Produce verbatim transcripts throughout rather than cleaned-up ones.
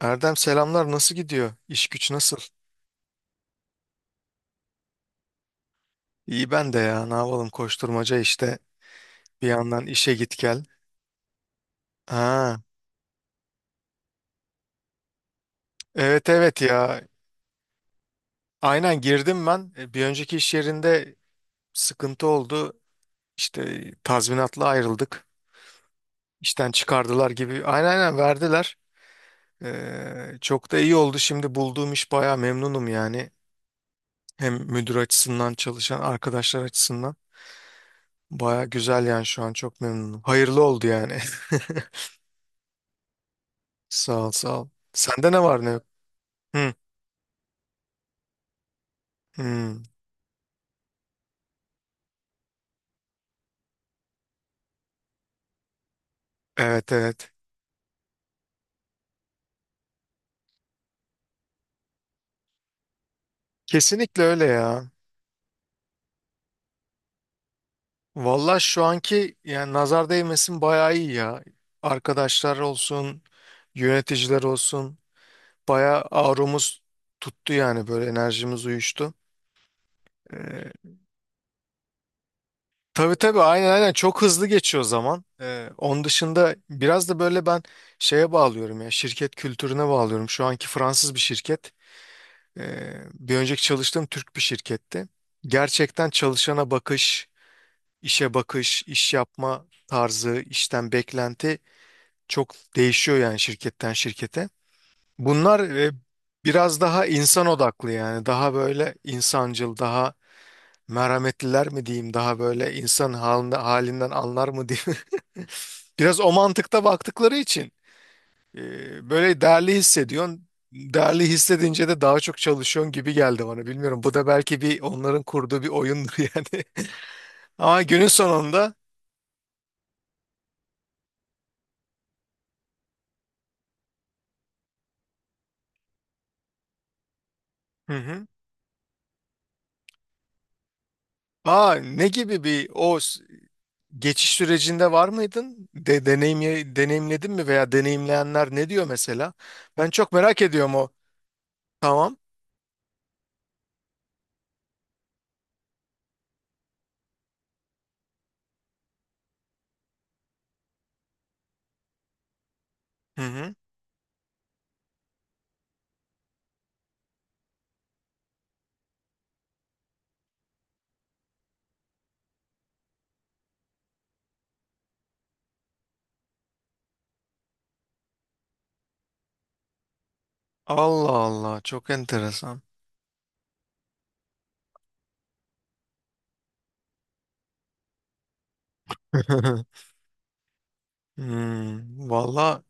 Erdem selamlar nasıl gidiyor? İş güç nasıl? İyi ben de ya ne yapalım koşturmaca işte bir yandan işe git gel. Ha, evet evet ya aynen girdim ben E, bir önceki iş yerinde sıkıntı oldu işte tazminatla ayrıldık işten çıkardılar gibi aynen aynen verdiler. Ee, çok da iyi oldu şimdi bulduğum iş baya memnunum yani hem müdür açısından çalışan arkadaşlar açısından baya güzel yani şu an çok memnunum hayırlı oldu yani. Sağ ol, sağ ol. Sende ne var ne yok? Hı, hı. Evet, evet. Kesinlikle öyle ya. Valla şu anki yani nazar değmesin bayağı iyi ya. Arkadaşlar olsun, yöneticiler olsun. Bayağı ağrımız tuttu yani böyle enerjimiz uyuştu. Ee, tabii tabii aynen aynen çok hızlı geçiyor zaman. Ee, onun dışında biraz da böyle ben şeye bağlıyorum ya şirket kültürüne bağlıyorum. Şu anki Fransız bir şirket. Ee, bir önceki çalıştığım Türk bir şirkette. Gerçekten çalışana bakış, işe bakış, iş yapma tarzı, işten beklenti çok değişiyor yani şirketten şirkete. Bunlar e, biraz daha insan odaklı yani daha böyle insancıl, daha merhametliler mi diyeyim, daha böyle insan halinde, halinden anlar mı diyeyim. Biraz o mantıkta baktıkları için. Ee, böyle değerli hissediyorsun. Değerli hissedince de daha çok çalışıyorsun gibi geldi bana. Bilmiyorum. Bu da belki bir onların kurduğu bir oyundur yani. Ama günün sonunda hı hı. Aa, ne gibi bir o s- geçiş sürecinde var mıydın? De, deneyim, deneyimledin mi veya deneyimleyenler ne diyor mesela? Ben çok merak ediyorum o. Tamam. Hı hı. Allah Allah çok enteresan. Hmm, valla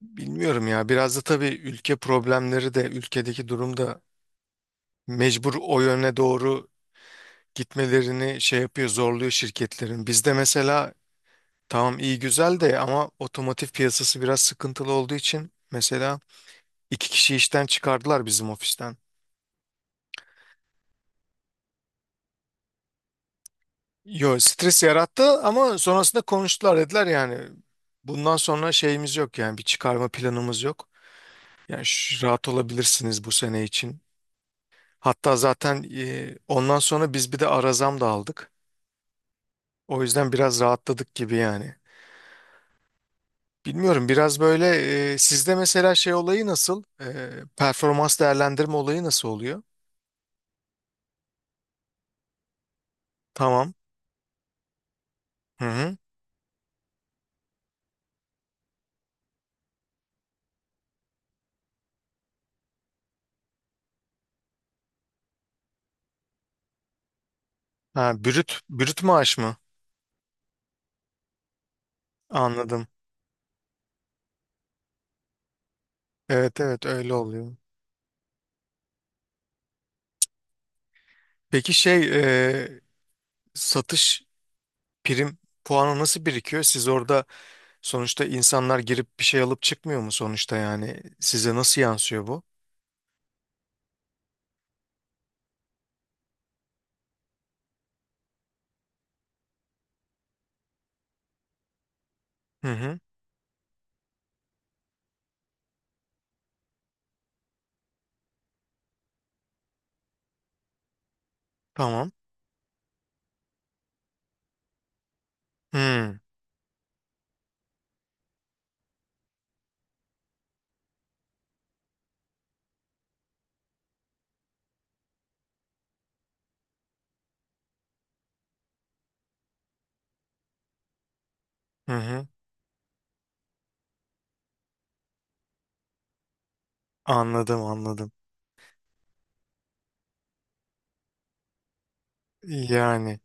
bilmiyorum ya biraz da tabii ülke problemleri de ülkedeki durum da mecbur o yöne doğru gitmelerini şey yapıyor, zorluyor şirketlerin. Bizde mesela tamam iyi güzel de ama otomotiv piyasası biraz sıkıntılı olduğu için mesela iki kişi işten çıkardılar bizim ofisten. Yo stres yarattı ama sonrasında konuştular dediler yani bundan sonra şeyimiz yok yani bir çıkarma planımız yok. Yani şu- rahat olabilirsiniz bu sene için. Hatta zaten e, ondan sonra biz bir de ara zam da aldık. O yüzden biraz rahatladık gibi yani. Bilmiyorum biraz böyle e, sizde mesela şey olayı nasıl? E, performans değerlendirme olayı nasıl oluyor? Tamam. Hı hı. Ha, brüt, brüt maaş mı? Anladım. Evet evet öyle oluyor. Peki şey e, satış prim puanı nasıl birikiyor? Siz orada sonuçta insanlar girip bir şey alıp çıkmıyor mu sonuçta yani? Size nasıl yansıyor bu? Hı hı. Tamam. Hı hı. hı. Anladım anladım. Yani.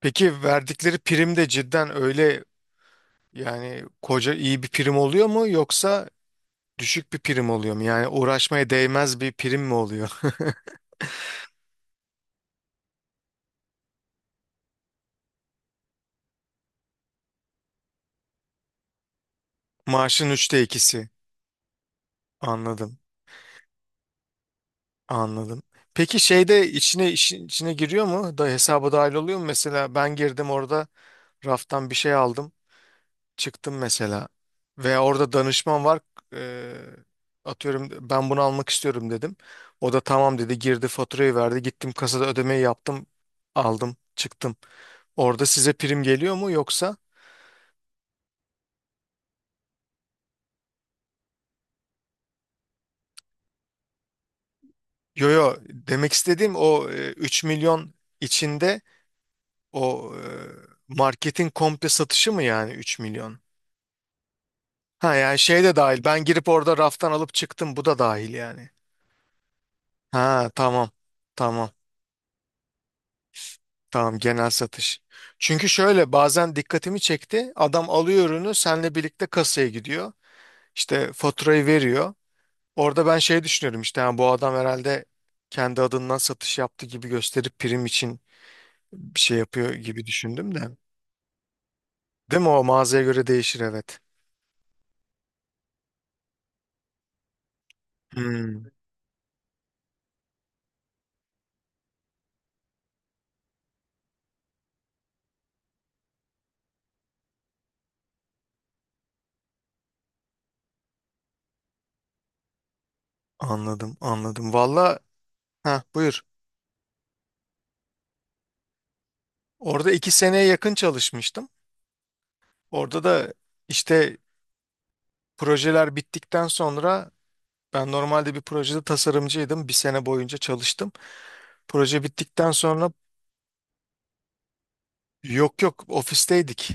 Peki verdikleri prim de cidden öyle. Yani koca iyi bir prim oluyor mu yoksa düşük bir prim oluyor mu? Yani uğraşmaya değmez bir prim mi oluyor? Maaşın üçte ikisi. Anladım, anladım. Peki şeyde içine işin içine giriyor mu? Da hesaba dahil oluyor mu? Mesela ben girdim orada raftan bir şey aldım, çıktım mesela ve orada danışman var. Eee, atıyorum ben bunu almak istiyorum dedim. O da tamam dedi, girdi faturayı verdi. Gittim kasada ödemeyi yaptım, aldım, çıktım. Orada size prim geliyor mu yoksa? Yo yo demek istediğim o e, 3 milyon içinde o e, marketin komple satışı mı yani üç milyon? Ha yani şey de dahil ben girip orada raftan alıp çıktım bu da dahil yani. Ha tamam tamam tamam genel satış. Çünkü şöyle bazen dikkatimi çekti adam alıyor ürünü senle birlikte kasaya gidiyor. İşte faturayı veriyor. Orada ben şey düşünüyorum işte ha, bu adam herhalde kendi adından satış yaptı gibi gösterip prim için bir şey yapıyor gibi düşündüm de. Değil mi o mağazaya göre değişir evet. Hmm, anladım anladım. Valla ha buyur. Orada iki seneye yakın çalışmıştım. Orada da işte projeler bittikten sonra ben normalde bir projede tasarımcıydım. Bir sene boyunca çalıştım. Proje bittikten sonra yok yok ofisteydik.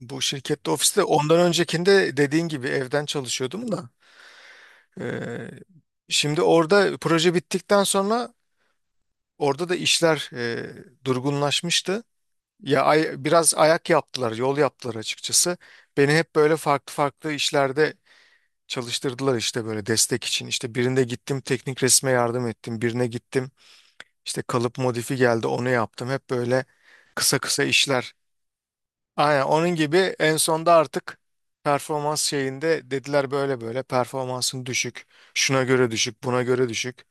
Bu şirkette ofiste ondan öncekinde dediğin gibi evden çalışıyordum da. Ee, şimdi orada proje bittikten sonra orada da işler e, durgunlaşmıştı. Ya ay- biraz ayak yaptılar, yol yaptılar açıkçası. Beni hep böyle farklı farklı işlerde çalıştırdılar işte böyle destek için. İşte birinde gittim teknik resme yardım ettim, birine gittim işte kalıp modifi geldi onu yaptım. Hep böyle kısa kısa işler. Aynen onun gibi en sonda artık performans şeyinde dediler böyle böyle performansın düşük, şuna göre düşük, buna göre düşük.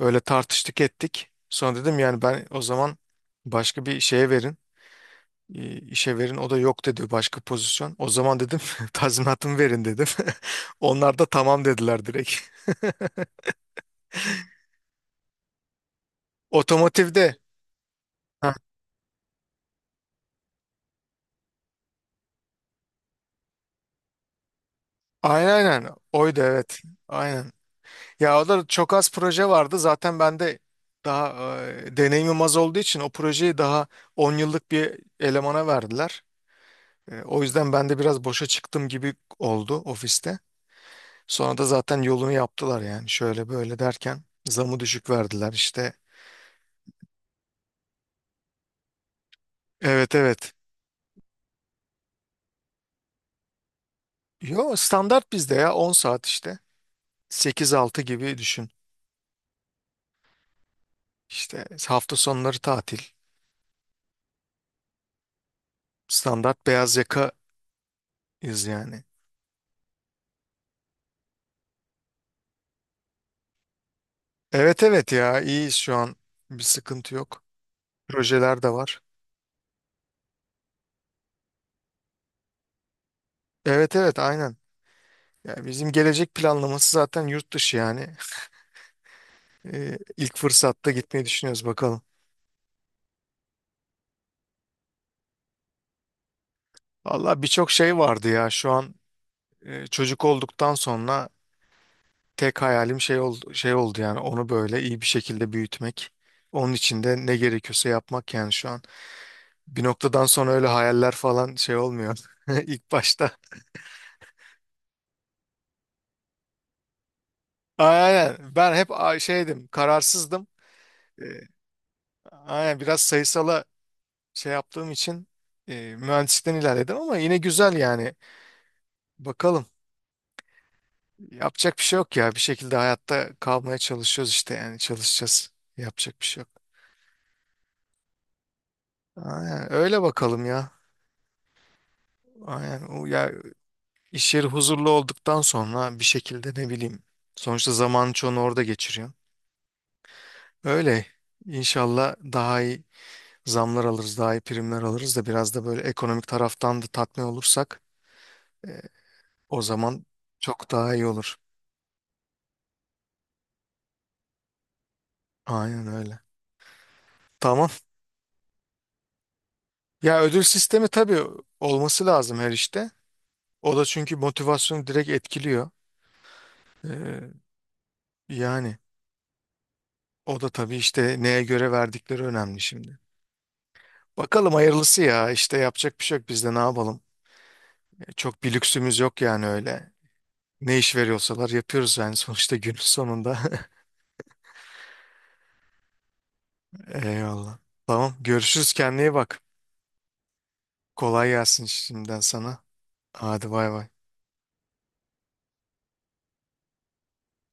Öyle tartıştık ettik. Sonra dedim yani ben o zaman başka bir şeye verin e, işe verin o da yok dedi başka pozisyon. O zaman dedim tazminatımı verin dedim. Onlar da tamam dediler direkt. Otomotivde. Ha, aynen aynen oydu evet. Aynen. Ya o da çok az proje vardı. Zaten ben de daha e, deneyimim az olduğu için o projeyi daha on yıllık bir elemana verdiler. E, o yüzden ben de biraz boşa çıktım gibi oldu ofiste. Sonra da zaten yolunu yaptılar yani şöyle böyle derken zamı düşük verdiler işte. Evet evet. Yo standart bizde ya on saat işte. Sekiz altı gibi düşün. İşte hafta sonları tatil. Standart beyaz yakayız yani. Evet evet ya iyiyiz şu an. Bir sıkıntı yok. Projeler de var. Evet evet aynen. Ya bizim gelecek planlaması zaten yurt dışı yani. Ee, ilk fırsatta gitmeyi düşünüyoruz bakalım. Valla birçok şey vardı ya şu an e, çocuk olduktan sonra tek hayalim şey oldu, şey oldu yani onu böyle iyi bir şekilde büyütmek. Onun için de ne gerekiyorsa yapmak yani şu an. Bir noktadan sonra öyle hayaller falan şey olmuyor ilk başta. Aynen ben hep a- şeydim kararsızdım. Ee, Aynen biraz sayısala şey yaptığım için e, mühendislikten ilerledim ama yine güzel yani. Bakalım yapacak bir şey yok ya bir şekilde hayatta kalmaya çalışıyoruz işte yani çalışacağız. Yapacak bir şey yok. Aynen öyle bakalım ya. Aynen o ya. İş yeri huzurlu olduktan sonra bir şekilde ne bileyim. Sonuçta zamanın çoğunu orada geçiriyorsun. Öyle. İnşallah daha iyi zamlar alırız, daha iyi primler alırız da biraz da böyle ekonomik taraftan da tatmin olursak e, o zaman çok daha iyi olur. Aynen öyle. Tamam. Ya ödül sistemi tabii olması lazım her işte. O da çünkü motivasyonu direkt etkiliyor. Ee, yani o da tabii işte neye göre verdikleri önemli şimdi. Bakalım hayırlısı ya işte yapacak bir şey yok biz de ne yapalım. Çok bir lüksümüz yok yani öyle. Ne iş veriyorsalar yapıyoruz yani sonuçta günün sonunda. Eyvallah. Tamam görüşürüz kendine iyi bak. Kolay gelsin şimdiden sana. Hadi bay bay.